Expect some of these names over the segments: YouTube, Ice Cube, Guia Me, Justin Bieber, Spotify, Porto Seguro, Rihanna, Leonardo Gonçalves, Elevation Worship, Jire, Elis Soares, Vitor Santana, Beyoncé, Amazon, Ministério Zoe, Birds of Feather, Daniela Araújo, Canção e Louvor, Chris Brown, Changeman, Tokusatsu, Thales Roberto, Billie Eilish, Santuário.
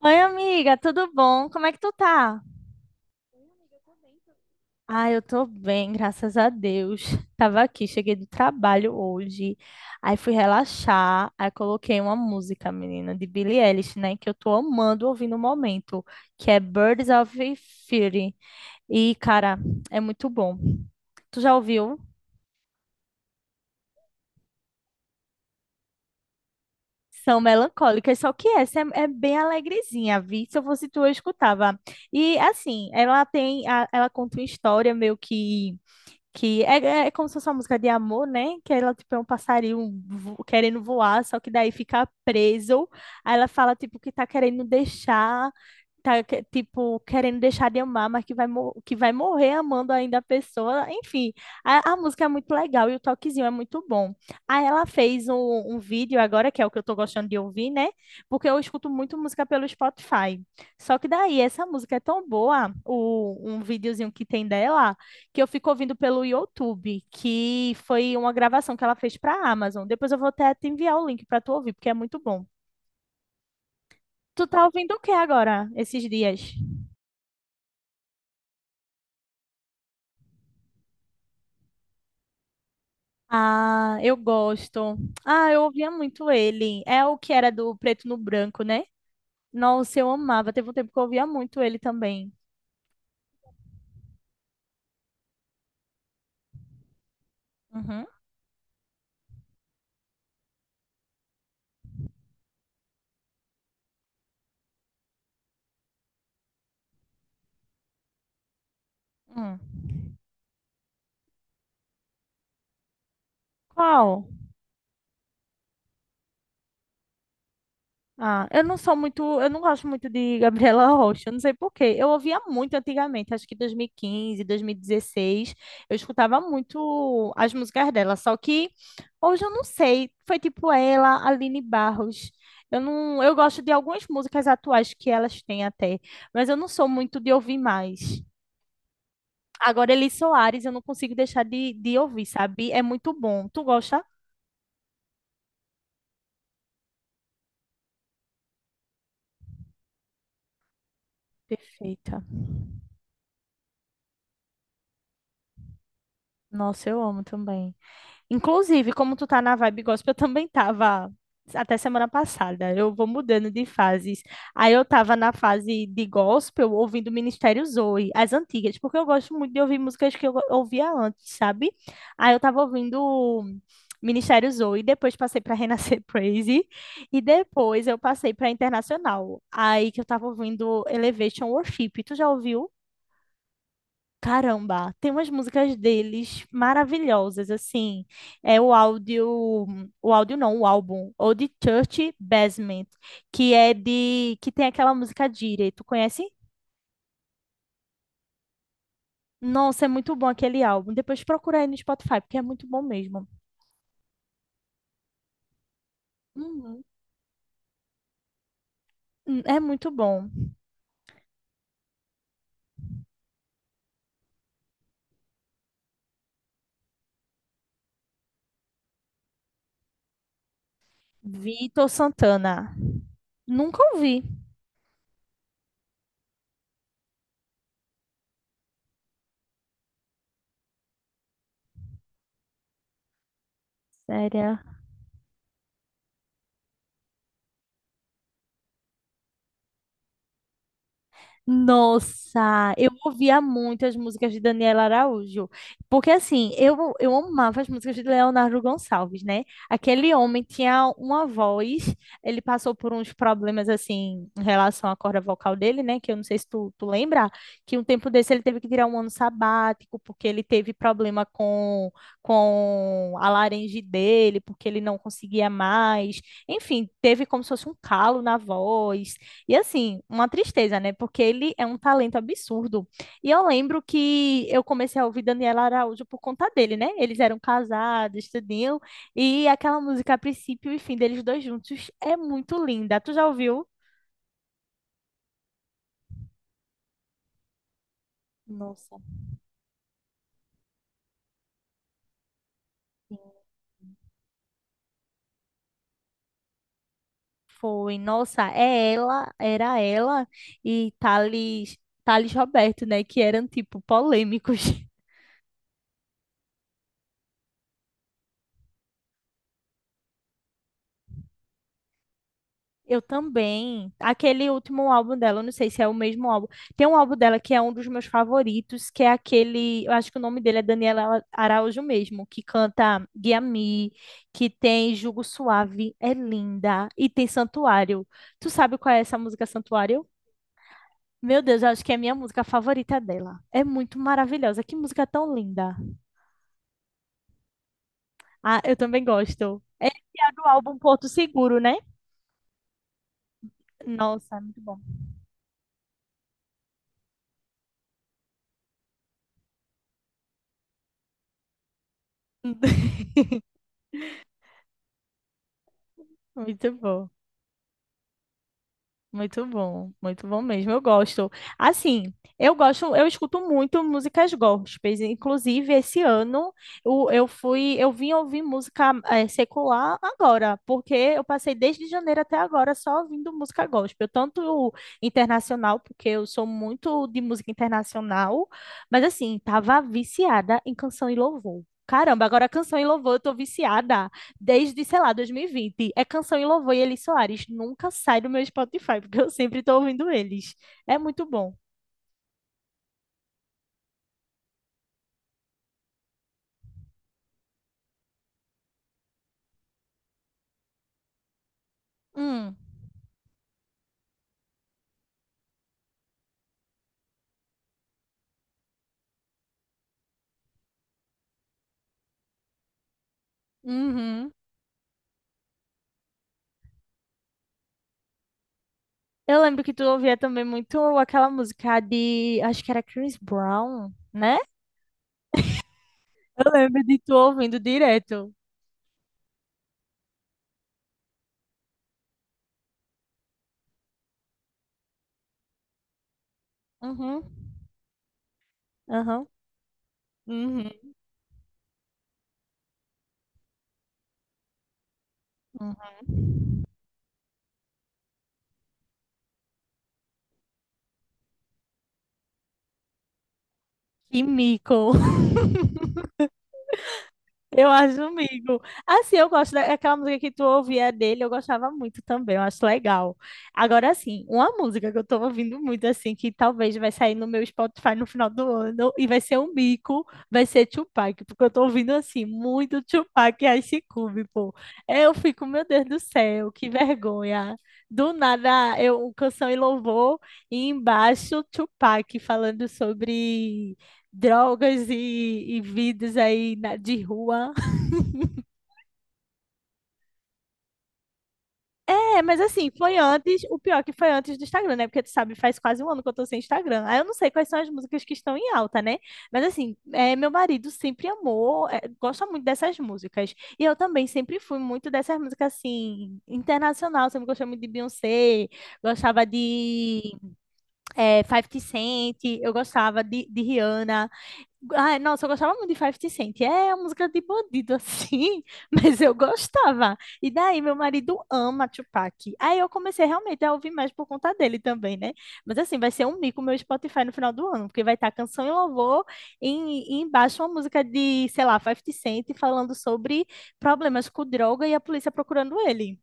Oi, amiga, tudo bom? Como é que tu tá? Ah, eu tô bem, graças a Deus. Tava aqui, cheguei do trabalho hoje, aí fui relaxar, aí coloquei uma música, menina, de Billie Eilish, né, que eu tô amando ouvir no momento, que é Birds of Feather. E, cara, é muito bom. Tu já ouviu? São melancólicas, só que essa é bem alegrezinha, vi? Se eu fosse tu, eu escutava. E, assim, ela tem, ela conta uma história meio que. Que é como se fosse uma música de amor, né? Que ela, tipo, é um passarinho querendo voar, só que daí fica preso. Aí ela fala, tipo, que tá querendo deixar tá, tipo, querendo deixar de amar, mas que vai, que vai morrer amando ainda a pessoa. Enfim, a música é muito legal e o toquezinho é muito bom. Aí ela fez um vídeo agora, que é o que eu tô gostando de ouvir, né? Porque eu escuto muito música pelo Spotify. Só que daí, essa música é tão boa, um videozinho que tem dela, que eu fico ouvindo pelo YouTube, que foi uma gravação que ela fez pra Amazon. Depois eu vou até te enviar o link para tu ouvir, porque é muito bom. Tu tá ouvindo o que agora, esses dias? Ah, eu gosto. Ah, eu ouvia muito ele. É o que era do Preto no Branco, né? Nossa, eu amava. Teve um tempo que eu ouvia muito ele também. Uhum. Hum. Qual? Ah, eu não sou muito, eu não gosto muito de Gabriela Rocha, eu não sei por quê. Eu ouvia muito antigamente, acho que 2015, 2016, eu escutava muito as músicas dela, só que hoje eu não sei, foi tipo ela, Aline Barros. Eu não, eu gosto de algumas músicas atuais que elas têm até, mas eu não sou muito de ouvir mais. Agora, Elis Soares, eu não consigo deixar de ouvir, sabe? É muito bom. Tu gosta? Perfeita. Nossa, eu amo também. Inclusive, como tu tá na vibe gospel, eu também tava até semana passada. Eu vou mudando de fases. Aí eu tava na fase de gospel, ouvindo Ministério Zoe, as antigas, porque eu gosto muito de ouvir músicas que eu ouvia antes, sabe? Aí eu tava ouvindo Ministério Zoe, depois passei pra Renascer Praise e depois eu passei pra Internacional. Aí que eu tava ouvindo Elevation Worship. Tu já ouviu? Caramba, tem umas músicas deles maravilhosas, assim. É o áudio não, o álbum, ou de Church Basement, que é de, que tem aquela música Jire, tu conhece? Nossa, é muito bom aquele álbum. Depois procura aí no Spotify, porque é muito bom mesmo. Uhum. É muito bom. Vitor Santana. Nunca ouvi. Sério. Nossa, eu ouvia muito as músicas de Daniela Araújo, porque assim, eu amava as músicas de Leonardo Gonçalves, né? Aquele homem tinha uma voz, ele passou por uns problemas assim em relação à corda vocal dele, né? Que eu não sei se tu lembra, que um tempo desse ele teve que tirar um ano sabático, porque ele teve problema com a laringe dele, porque ele não conseguia mais, enfim, teve como se fosse um calo na voz, e assim, uma tristeza, né? Porque ele é um talento absurdo. E eu lembro que eu comecei a ouvir Daniela Araújo por conta dele, né? Eles eram casados, tudinho. E aquela música, a princípio e fim deles dois juntos, é muito linda. Tu já ouviu? Nossa, sim. Foi, nossa, é ela, era ela e Thales, Thales Roberto, né? Que eram, tipo, polêmicos. Eu também. Aquele último álbum dela, eu não sei se é o mesmo álbum. Tem um álbum dela que é um dos meus favoritos, que é aquele, eu acho que o nome dele é Daniela Araújo mesmo, que canta Guia Me, que tem Jugo Suave, é linda, e tem Santuário. Tu sabe qual é essa música Santuário? Meu Deus, eu acho que é a minha música favorita dela. É muito maravilhosa. Que música tão linda. Ah, eu também gosto. É a do álbum Porto Seguro, né? Nossa, é muito bom. Muito bom. Muito bom, muito bom mesmo. Eu gosto. Assim, eu gosto, eu escuto muito músicas gospels. Inclusive, esse ano eu fui, eu vim ouvir música secular agora, porque eu passei desde janeiro até agora só ouvindo música gospel, tanto internacional, porque eu sou muito de música internacional, mas assim, tava viciada em canção e louvor. Caramba, agora canção e louvor eu tô viciada desde, sei lá, 2020, É Canção e Louvor e Elis Soares. Nunca sai do meu Spotify, porque eu sempre tô ouvindo eles. É muito bom. Hum, uhum. Eu lembro que tu ouvia também muito aquela música de, acho que era Chris Brown, né? Eu lembro de tu ouvindo direto. Uhum, uhum, uhum, uhum. Que mico. Eu acho amigo. Assim, eu gosto daquela música que tu ouvia dele, eu gostava muito também, eu acho legal. Agora, assim, uma música que eu tô ouvindo muito, assim, que talvez vai sair no meu Spotify no final do ano e vai ser um bico, vai ser Tupac, porque eu tô ouvindo, assim, muito Tupac e Ice Cube, pô. Eu fico, meu Deus do céu, que vergonha. Do nada, eu, canção e louvor, e embaixo Tupac falando sobre drogas e vidas aí de rua. É, mas assim, foi antes, o pior que foi antes do Instagram, né? Porque tu sabe, faz quase um ano que eu tô sem Instagram. Aí eu não sei quais são as músicas que estão em alta, né? Mas assim, é, meu marido sempre amou, é, gosta muito dessas músicas. E eu também sempre fui muito dessas músicas, assim, internacional. Sempre gostei muito de Beyoncé, gostava de é, 50 Cent, eu gostava de Rihanna. Ai, nossa, eu gostava muito de 50 Cent. É uma música de bandido, assim, mas eu gostava. E daí, meu marido ama Tupac. Aí eu comecei realmente a ouvir mais por conta dele também, né? Mas assim, vai ser um mico meu Spotify no final do ano, porque vai estar canção e louvor e embaixo uma música de, sei lá, 50 Cent falando sobre problemas com droga e a polícia procurando ele.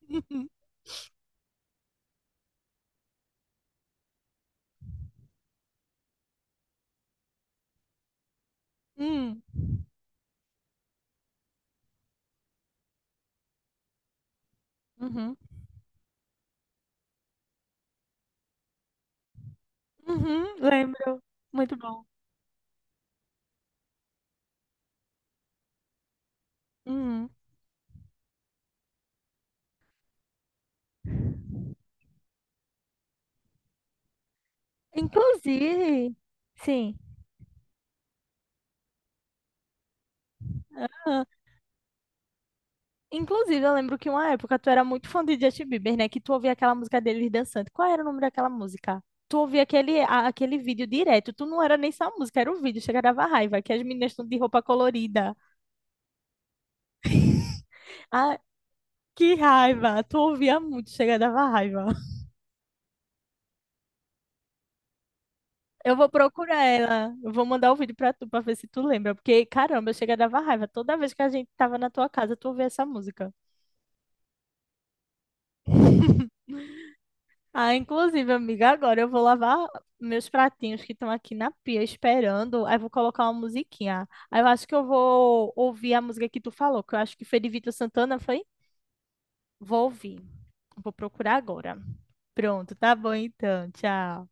Hum, uhum, uhum, lembro. Muito bom. Uhum. Inclusive, sim. Inclusive, eu lembro que uma época tu era muito fã de Justin Bieber, né? Que tu ouvia aquela música dele dançando. Qual era o nome daquela música? Tu ouvia aquele, aquele vídeo direto. Tu não era nem só a música, era o vídeo. Chega dava raiva, que as meninas estão de roupa colorida. Ah, que raiva! Tu ouvia muito, chega dava raiva. Eu vou procurar ela. Eu vou mandar o vídeo pra tu pra ver se tu lembra. Porque, caramba, chega dava raiva. Toda vez que a gente tava na tua casa, tu ouvia essa música. Ah, inclusive, amiga, agora eu vou lavar meus pratinhos que estão aqui na pia esperando. Aí vou colocar uma musiquinha. Aí eu acho que eu vou ouvir a música que tu falou, que eu acho que foi de Vitor Santana, foi? Vou ouvir. Vou procurar agora. Pronto, tá bom então. Tchau.